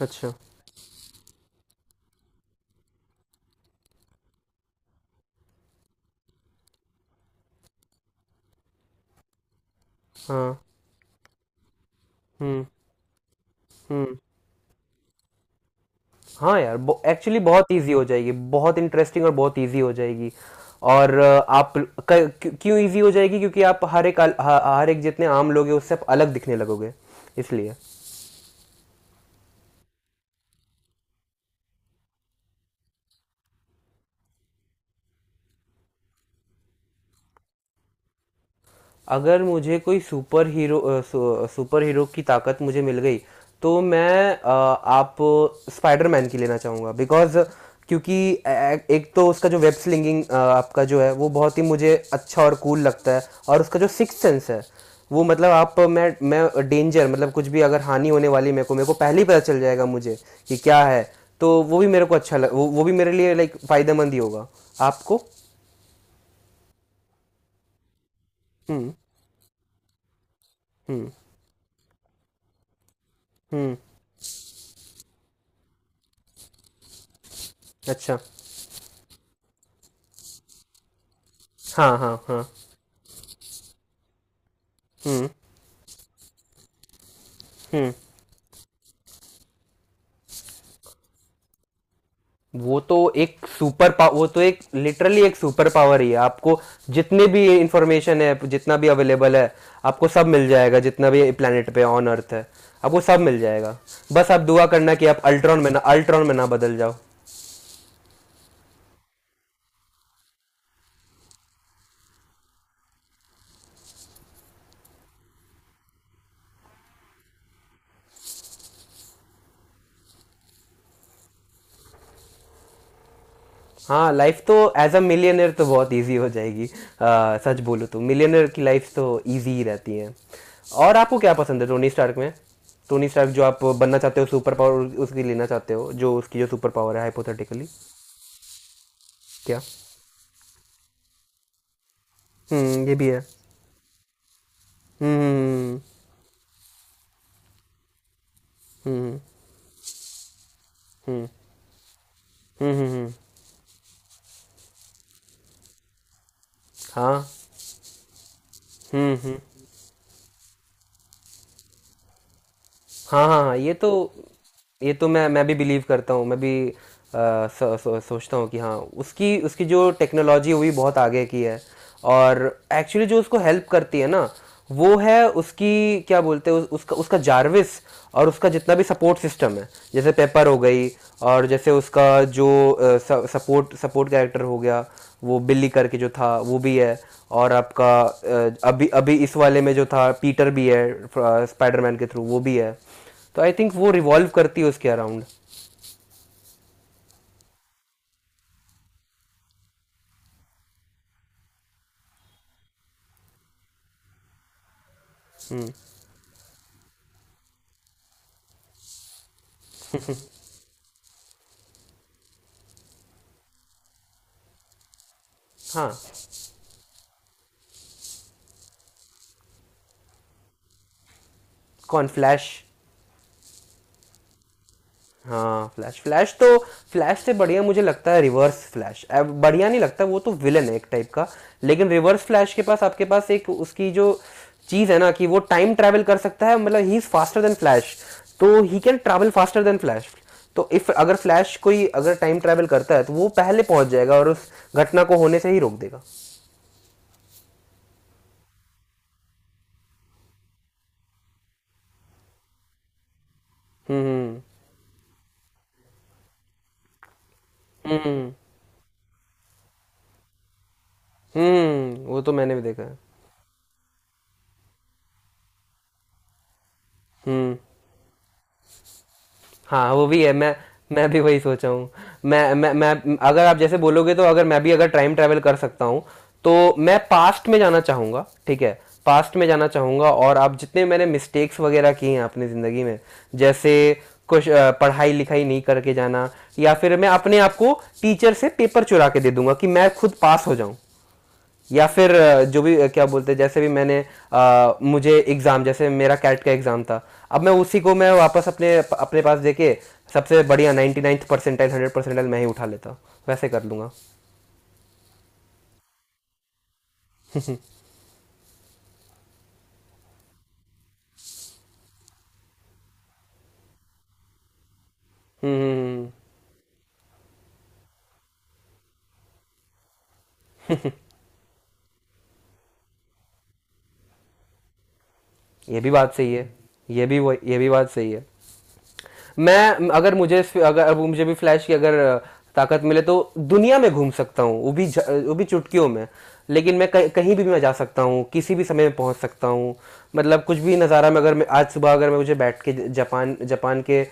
अच्छा। हाँ। हुँ। हुँ। हाँ यार, ब एक्चुअली बहुत ईज़ी हो जाएगी, बहुत इंटरेस्टिंग और बहुत ईज़ी हो जाएगी। और आप क क्यों क्यों ईज़ी हो जाएगी क्योंकि आप हर एक अल ह हर एक जितने आम लोग हैं उससे आप अलग दिखने लगोगे, इसलिए। अगर मुझे कोई सुपर हीरो सुपर हीरो की ताकत मुझे मिल गई तो मैं अ, आप स्पाइडरमैन की लेना चाहूँगा बिकॉज़ क्योंकि एक तो उसका जो वेब स्लिंगिंग आपका जो है वो बहुत ही मुझे अच्छा और कूल लगता है। और उसका जो सिक्स सेंस है वो मतलब आप मैं डेंजर मतलब कुछ भी अगर हानि होने वाली मेरे को पहले ही पता चल जाएगा मुझे कि क्या है। तो वो भी मेरे को अच्छा लग वो भी मेरे लिए लाइक फ़ायदेमंद ही होगा आपको। हम्म। हम्म। हम्म। अच्छा। हाँ हाँ हाँ। हम्म हम्म। वो तो वो तो एक लिटरली एक सुपर पावर ही है आपको। जितने भी इंफॉर्मेशन है जितना भी अवेलेबल है आपको सब मिल जाएगा। जितना भी प्लेनेट पे ऑन अर्थ है आपको सब मिल जाएगा। बस आप दुआ करना कि आप अल्ट्रॉन में ना बदल जाओ। हाँ लाइफ तो एज अ मिलियनर तो बहुत इजी हो जाएगी। सच बोलूँ तो मिलियनर की लाइफ तो इजी ही रहती है। और आपको क्या पसंद है टोनी स्टार्क में? टोनी स्टार्क जो आप बनना चाहते हो सुपर पावर उसकी लेना चाहते हो जो उसकी जो सुपर पावर है हाइपोथेटिकली। क्या? हम्म, ये भी है। हम्म हम्म हम्म हम्म हम्म हम्म, हम्म, हाँ। हम्म। हाँ हाँ हाँ, ये तो मैं भी बिलीव करता हूँ। मैं भी सोचता हूँ कि हाँ उसकी उसकी जो टेक्नोलॉजी हुई बहुत आगे की है। और एक्चुअली जो उसको हेल्प करती है ना वो है उसकी क्या बोलते हैं उस, उसका उसका जार्विस। और उसका जितना भी सपोर्ट सिस्टम है जैसे पेपर हो गई और जैसे उसका जो सपोर्ट सपोर्ट कैरेक्टर हो गया वो बिल्ली करके जो था वो भी है। और आपका अभी अभी इस वाले में जो था पीटर भी है स्पाइडरमैन के थ्रू वो भी है। तो आई थिंक वो रिवॉल्व करती है उसके अराउंड। हाँ। कौन, फ्लैश? हाँ फ्लैश। फ्लैश तो फ्लैश से बढ़िया मुझे लगता है रिवर्स फ्लैश। अब बढ़िया नहीं लगता, वो तो विलन है एक टाइप का। लेकिन रिवर्स फ्लैश के पास आपके पास एक उसकी जो चीज़ है ना कि वो टाइम ट्रैवल कर सकता है मतलब he is faster than Flash. तो he can travel faster than Flash. तो इफ अगर फ्लैश कोई अगर टाइम ट्रैवल करता है तो वो पहले पहुंच जाएगा और उस घटना को होने से ही रोक देगा। हम्म हम्म हम्म वो तो मैंने भी देखा है। हम्म। हाँ वो भी है। मैं भी वही सोचा हूँ। मैं अगर आप जैसे बोलोगे तो अगर मैं भी अगर टाइम ट्रैवल कर सकता हूँ तो मैं पास्ट में जाना चाहूँगा। ठीक है, पास्ट में जाना चाहूँगा और आप जितने मैंने मिस्टेक्स वगैरह किए हैं अपनी ज़िंदगी में जैसे कुछ पढ़ाई लिखाई नहीं करके जाना, या फिर मैं अपने आप को टीचर से पेपर चुरा के दे दूंगा कि मैं खुद पास हो जाऊं। या फिर जो भी क्या बोलते हैं जैसे भी मैंने मुझे एग्ज़ाम जैसे मेरा कैट का एग्ज़ाम था। अब मैं उसी को मैं वापस अपने अपने पास देके सबसे बढ़िया 99th परसेंटाइल 100 परसेंटाइल मैं ही उठा लेता हूँ, वैसे कर लूँगा। हम्म हम्म, हम्म। ये भी बात सही है। ये भी बात सही है। मैं अगर मुझे अगर अब मुझे भी फ्लैश की अगर ताकत मिले तो दुनिया में घूम सकता हूँ वो भी वो भी चुटकियों में। लेकिन मैं कहीं कहीं भी मैं जा सकता हूँ किसी भी समय में पहुँच सकता हूँ। मतलब कुछ भी नज़ारा में, अगर मैं आज सुबह अगर मैं मुझे बैठ के जापान जापान के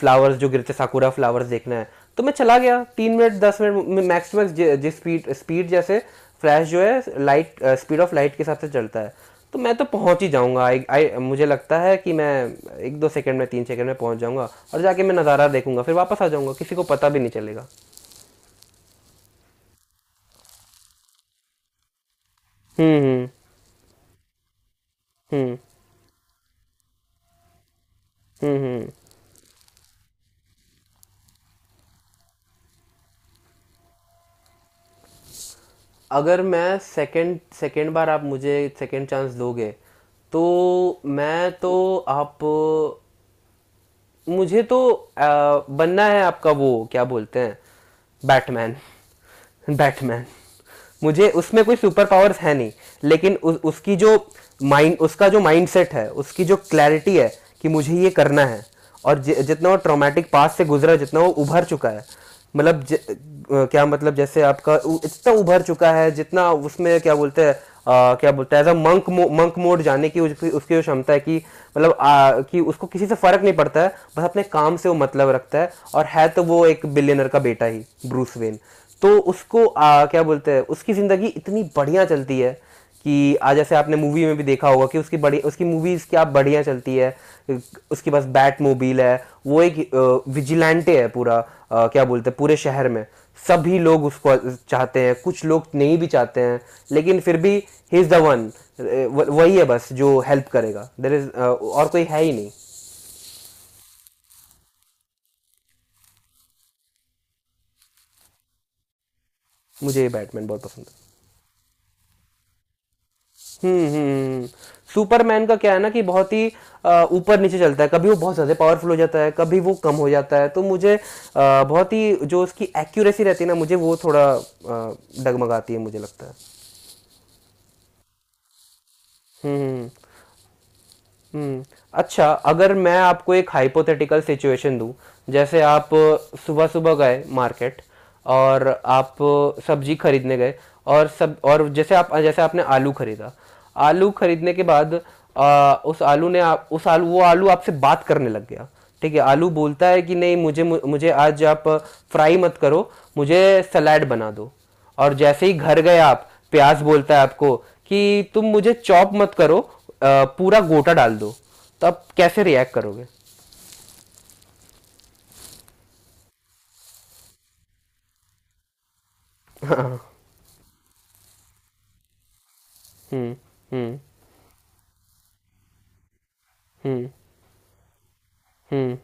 फ्लावर्स जो गिरते साकुरा फ्लावर्स देखना है तो मैं चला गया 3 मिनट, 10 मिनट मैक्स मैक्स। जिस स्पीड स्पीड जैसे फ्लैश जो है लाइट स्पीड ऑफ लाइट के हिसाब से चलता है तो मैं तो पहुंच ही जाऊंगा। आई आई मुझे लगता है कि मैं एक दो सेकंड में 3 सेकंड में पहुंच जाऊंगा और जाके मैं नज़ारा देखूंगा फिर वापस आ जाऊंगा किसी को पता भी नहीं चलेगा। हम्म हम्म हम्म हम्म। हम्म। अगर मैं सेकंड सेकंड बार आप मुझे सेकंड चांस दोगे तो मैं तो आप मुझे तो बनना है आपका वो क्या बोलते हैं बैटमैन। बैटमैन। मुझे उसमें कोई सुपर पावर्स है नहीं लेकिन उ, उसकी जो माइंड उसका जो माइंडसेट है उसकी जो क्लैरिटी है कि मुझे ये करना है। और जितना वो ट्रॉमेटिक पास से गुजरा जितना वो उभर चुका है। मतलब क्या मतलब जैसे इतना उभर चुका है जितना उसमें क्या बोलते हैं अ, क्या बोलते हैं एज अ मंक मोड जाने की उसकी उसकी जो क्षमता है कि मतलब कि उसको किसी से फर्क नहीं पड़ता है बस अपने काम से वो मतलब रखता है। और है तो वो एक बिलियनर का बेटा ही, ब्रूस वेन। तो उसको क्या बोलते हैं उसकी ज़िंदगी इतनी बढ़िया चलती है कि आज जैसे आपने मूवी में भी देखा होगा कि उसकी मूवीज क्या बढ़िया चलती है। उसके पास बैट मोबाइल है, वो एक विजिलेंटे है पूरा क्या बोलते हैं पूरे शहर में सभी लोग उसको चाहते हैं, कुछ लोग नहीं भी चाहते हैं लेकिन फिर भी ही इज़ द वन। वही है बस जो हेल्प करेगा, देर इज और कोई है ही नहीं। मुझे ये बैटमैन बहुत पसंद है। हम्म। सुपरमैन का क्या है ना कि बहुत ही ऊपर नीचे चलता है, कभी वो बहुत ज़्यादा पावरफुल हो जाता है कभी वो कम हो जाता है। तो मुझे बहुत ही जो उसकी एक्यूरेसी रहती है ना मुझे वो थोड़ा डगमगाती है मुझे लगता है। हम्म हम्म, हम्म। हम्म। अच्छा अगर मैं आपको एक हाइपोथेटिकल सिचुएशन दूं। जैसे आप सुबह सुबह गए मार्केट, और आप सब्जी खरीदने गए और सब और जैसे आप जैसे आपने आलू खरीदा। आलू खरीदने के बाद उस आलू ने आप उस आलू वो आलू आपसे बात करने लग गया। ठीक है, आलू बोलता है कि नहीं मुझे मुझे आज आप फ्राई मत करो, मुझे सलाड बना दो। और जैसे ही घर गए आप प्याज बोलता है आपको कि तुम मुझे चॉप मत करो पूरा गोटा डाल दो। तो आप कैसे रिएक्ट करोगे? हम्म हम्म हम्म हम्म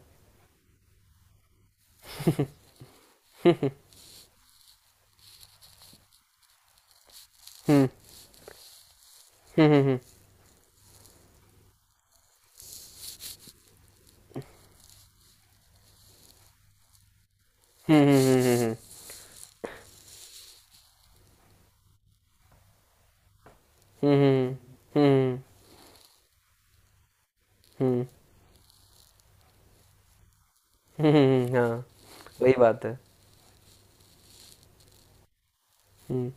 हम्म हम्म हम्म हम्म हम्म हम्म हम्म हम्म हम्म, हम्म, हम्म, हाँ। वही बात है। हम्म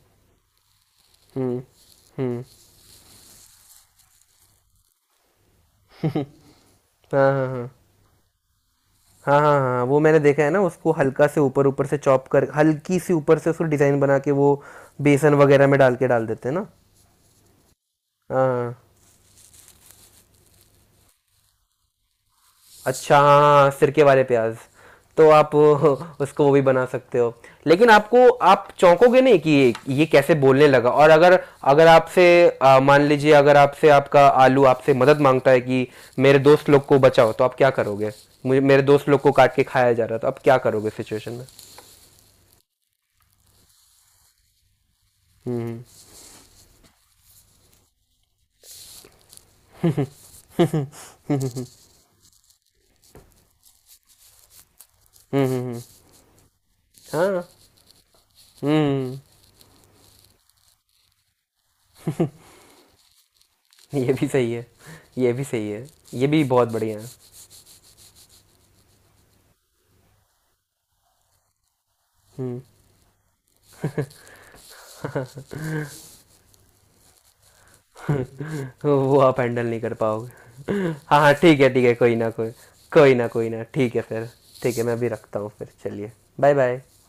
हम्म हम्म। हाँ हाँ हाँ हाँ हाँ, हाँ वो मैंने देखा है ना उसको हल्का से ऊपर ऊपर से चॉप कर, हल्की सी ऊपर से उसको डिज़ाइन बना के वो बेसन वगैरह में डाल के डाल देते हैं ना। हाँ हाँ, अच्छा हाँ सिरके वाले प्याज। तो आप उसको वो भी बना सकते हो। लेकिन आपको आप चौंकोगे नहीं कि ये कैसे बोलने लगा? और अगर अगर आपसे आ, मान लीजिए अगर आपसे आपका आलू आपसे मदद मांगता है कि मेरे दोस्त लोग को बचाओ तो आप क्या करोगे? मुझे मेरे दोस्त लोग को काट के खाया जा रहा है तो आप क्या करोगे सिचुएशन में? हम्म हम्म हम्म हम्म, हम्म। हाँ। हम्म हम्म। ये भी सही है। ये भी सही है। ये भी बहुत बढ़िया है। हम्म। तो वो आप हैंडल नहीं कर पाओगे। हाँ हाँ ठीक है, ठीक है कोई ना कोई, कोई ना कोई ना, ठीक है फिर। ठीक है मैं अभी रखता हूँ फिर, चलिए। Bye bye.